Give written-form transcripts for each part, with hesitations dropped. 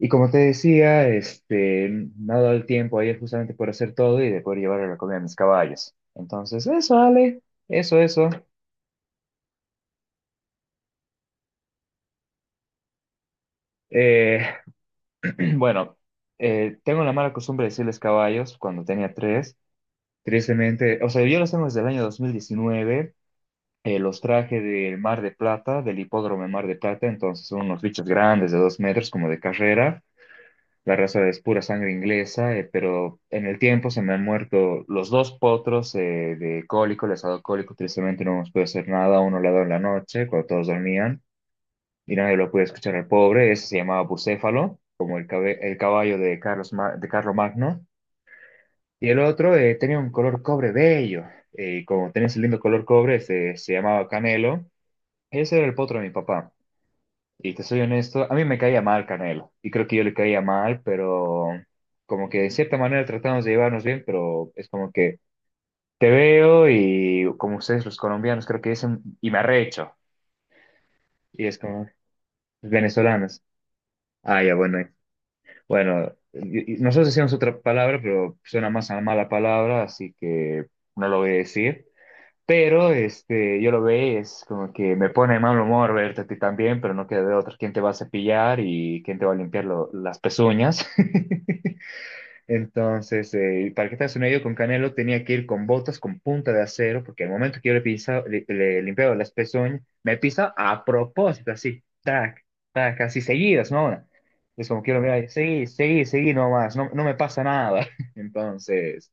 Y como te decía, me ha dado el tiempo ayer justamente por hacer todo y de poder llevar a la comida a mis caballos. Entonces, eso, Ale, eso, eso. Eh, bueno, tengo la mala costumbre de decirles caballos cuando tenía tres. Tristemente, o sea, yo los tengo desde el año 2019. Los traje del Mar de Plata, del hipódromo de Mar de Plata. Entonces, son unos bichos grandes de 2 metros, como de carrera. La raza es pura sangre inglesa, pero en el tiempo se me han muerto los dos potros de cólico, les ha dado cólico, tristemente no nos puede hacer nada. Uno le ha dado en la noche, cuando todos dormían, y nadie lo puede escuchar al pobre. Ese se llamaba Bucéfalo, como el, el caballo de de Carlo Magno. Y el otro tenía un color cobre bello, y como tenía ese lindo color cobre, se llamaba Canelo. Ese era el potro de mi papá. Y te soy honesto, a mí me caía mal Canelo, y creo que yo le caía mal, pero como que de cierta manera tratamos de llevarnos bien, pero es como que te veo y como ustedes los colombianos creo que dicen, y me arrecho, y es como los venezolanos. Ah, ya, bueno. Bueno, y nosotros decíamos otra palabra, pero suena más a mala palabra, así que no lo voy a decir. Pero este, yo lo veo, es como que me pone de mal humor verte a ti también, pero no queda de otra. ¿Quién te va a cepillar y quién te va a limpiar las pezuñas? Entonces, para que te hagas una idea, con Canelo tenía que ir con botas con punta de acero, porque al momento que yo le, pisa, le limpiaba las pezuñas, me pisa a propósito, así, tac, tac, así seguidas, ¿no? Es como que yo lo veo, ahí, seguí, seguí, seguí nomás, no, no me pasa nada. Entonces.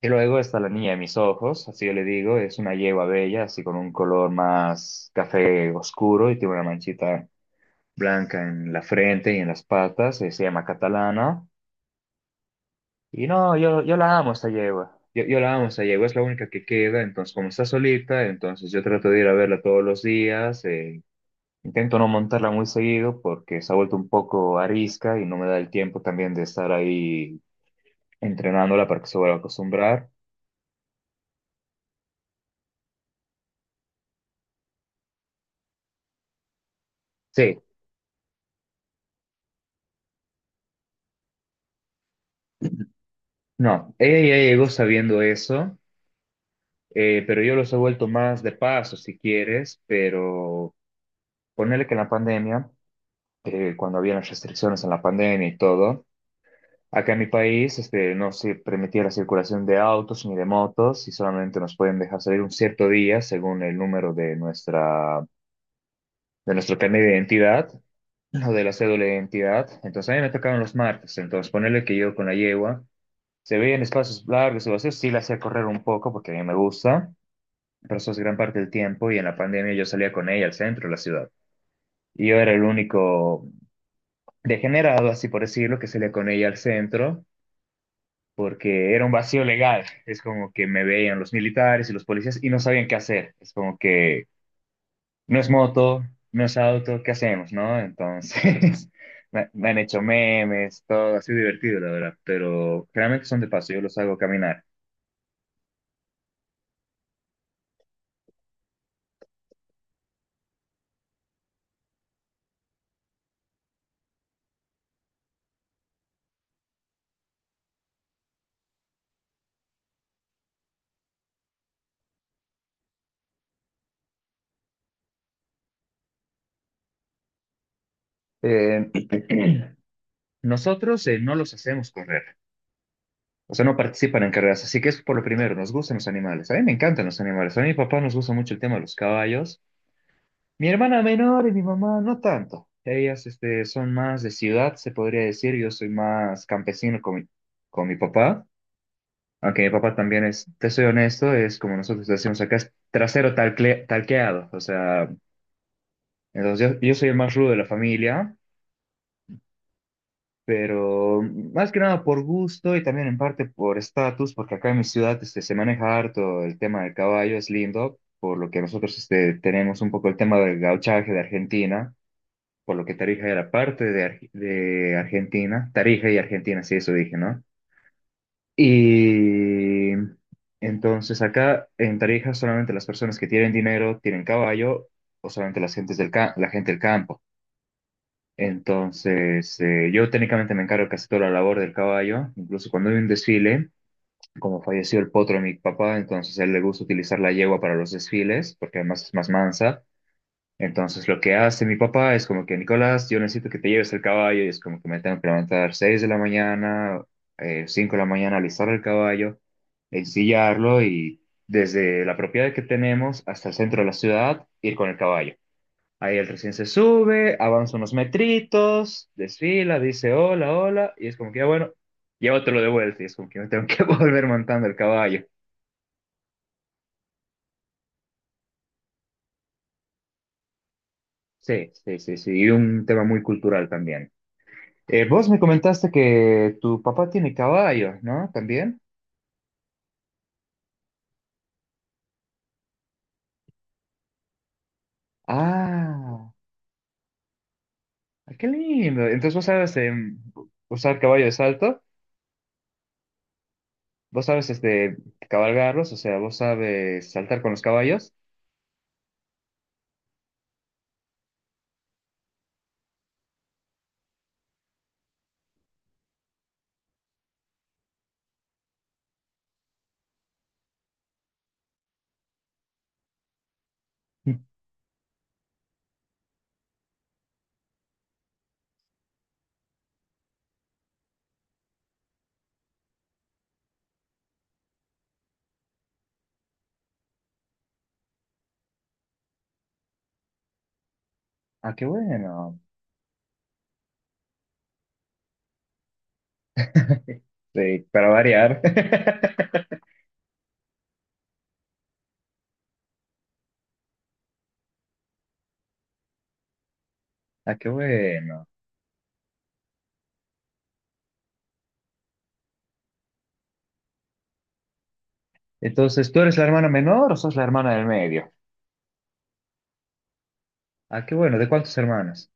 Y luego está la niña de mis ojos, así yo le digo, es una yegua bella, así con un color más café oscuro y tiene una manchita blanca en la frente y en las patas, se llama Catalana. Y no, yo la amo esta yegua, yo la amo esta yegua, es la única que queda, entonces como está solita, entonces yo trato de ir a verla todos los días. Intento no montarla muy seguido porque se ha vuelto un poco arisca y no me da el tiempo también de estar ahí entrenándola para que se vuelva a acostumbrar. Sí. No, ella ya llegó sabiendo eso, pero yo los he vuelto más de paso, si quieres, pero ponerle que en la pandemia, cuando había las restricciones en la pandemia y todo, acá en mi país no se permitía la circulación de autos ni de motos y solamente nos pueden dejar salir un cierto día según el número de nuestro carnet de identidad o de la cédula de identidad. Entonces a mí me tocaban los martes, entonces ponerle que yo con la yegua. Se veía en espacios largos y vacíos, sí la hacía correr un poco porque a mí me gusta, presos gran parte del tiempo y en la pandemia yo salía con ella al centro de la ciudad. Y yo era el único degenerado, así por decirlo, que salía con ella al centro porque era un vacío legal. Es como que me veían los militares y los policías y no sabían qué hacer. Es como que no es moto, no es auto, ¿qué hacemos, no? Entonces, me han hecho memes, todo, ha sido divertido, la verdad, pero realmente son de paso, yo los hago caminar. Eh, Nosotros no los hacemos correr. O sea, no participan en carreras. Así que es por lo primero, nos gustan los animales. A mí me encantan los animales. A mí, mi papá nos gusta mucho el tema de los caballos. Mi hermana menor y mi mamá no tanto. Ellas son más de ciudad, se podría decir. Yo soy más campesino con mi papá. Aunque mi papá también es, te soy honesto, es como nosotros decimos acá, es trasero talqueado. O sea, entonces yo soy el más rudo de la familia. Pero más que nada por gusto y también en parte por estatus, porque acá en mi ciudad se maneja harto el tema del caballo, es lindo, por lo que nosotros tenemos un poco el tema del gauchaje de Argentina, por lo que Tarija era parte de, de Argentina, Tarija y Argentina, sí, eso dije, ¿no? Y entonces acá en Tarija solamente las personas que tienen dinero tienen caballo o solamente las gentes del ca- la gente del campo. Entonces, yo técnicamente me encargo casi toda la labor del caballo, incluso cuando hay un desfile, como falleció el potro de mi papá, entonces a él le gusta utilizar la yegua para los desfiles, porque además es más mansa. Entonces, lo que hace mi papá es como que, Nicolás, yo necesito que te lleves el caballo, y es como que me tengo que levantar 6 de la mañana, 5 de la mañana, alistar el caballo, ensillarlo y desde la propiedad que tenemos hasta el centro de la ciudad, ir con el caballo. Ahí él recién se sube, avanza unos metritos, desfila, dice hola, hola, y es como que, ah, bueno, llévatelo de vuelta, y es como que me tengo que volver montando el caballo. Sí, sí, sí, sí, y un tema muy cultural también. Vos me comentaste que tu papá tiene caballo, ¿no? ¿También? Ah, qué lindo. Entonces vos sabes usar caballo de salto, vos sabes cabalgarlos, o sea, vos sabes saltar con los caballos. Ah, qué bueno. Sí, para variar. Ah, qué bueno. Entonces, ¿tú eres la hermana menor o sos la hermana del medio? Ah, qué bueno. ¿De cuántos hermanos?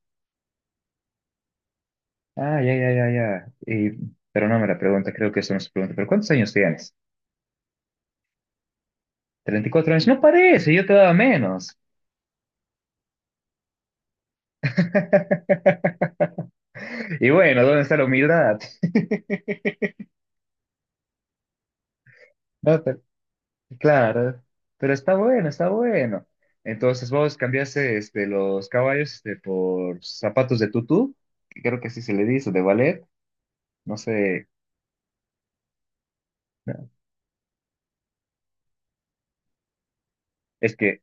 Ah, ya, ya, ya, ya. Pero no me la pregunta, creo que eso no se pregunta. ¿Pero cuántos años tienes? ¿34 años? No parece, yo te daba menos. Y bueno, ¿dónde está la humildad? No, claro, pero está bueno, está bueno. Entonces vos cambiaste los caballos por zapatos de tutú, que creo que así se le dice, de ballet. No sé, no, es que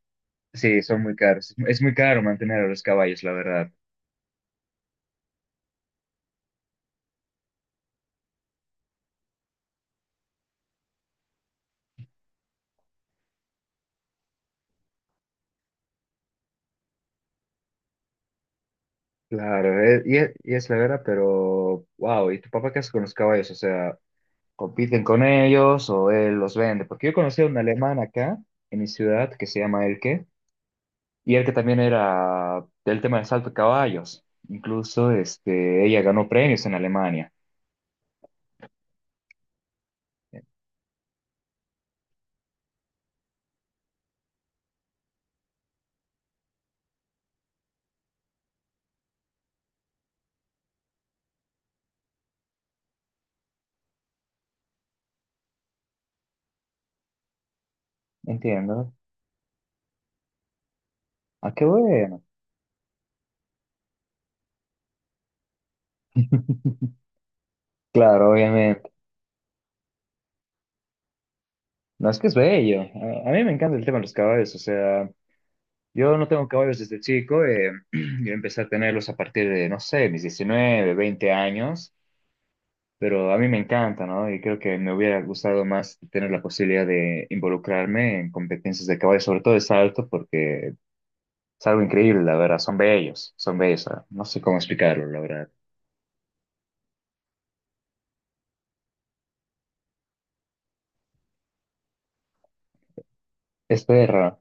sí, son muy caros. Es muy caro mantener a los caballos, la verdad. Claro, y es la verdad, pero wow, ¿y tu papá qué hace con los caballos? O sea, ¿compiten con ellos o él los vende? Porque yo conocí a un alemán acá, en mi ciudad, que se llama Elke y él que también era del tema del salto de caballos. Incluso ella ganó premios en Alemania. Entiendo. Ah, qué bueno. Claro, obviamente. No, es que es bello. A mí me encanta el tema de los caballos. O sea, yo no tengo caballos desde chico. Yo empecé a tenerlos a partir de, no sé, mis 19 20 años. Pero a mí me encanta, ¿no? Y creo que me hubiera gustado más tener la posibilidad de involucrarme en competencias de caballos, sobre todo de salto, porque es algo increíble, la verdad. Son bellos, son bellos. No sé cómo explicarlo, la verdad. Es perra.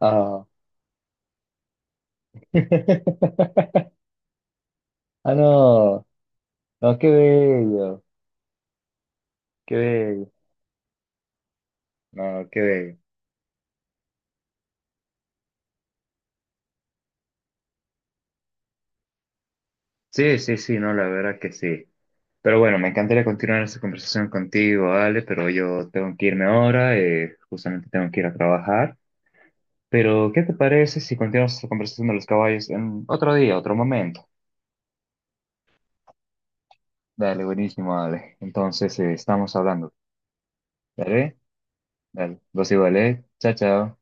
Ah. Ah, no. No, qué bello. Qué bello. No, qué bello. Sí, sí, sí, no, la verdad que sí. Pero bueno, me encantaría continuar esta conversación contigo, Ale, pero yo tengo que irme ahora. Justamente tengo que ir a trabajar. Pero, ¿qué te parece si continuamos esta conversación de los caballos en otro día, otro momento? Dale, buenísimo, Ale. Entonces, estamos hablando. ¿Dale? Dale, vos igual, ¿eh? Chao, chao.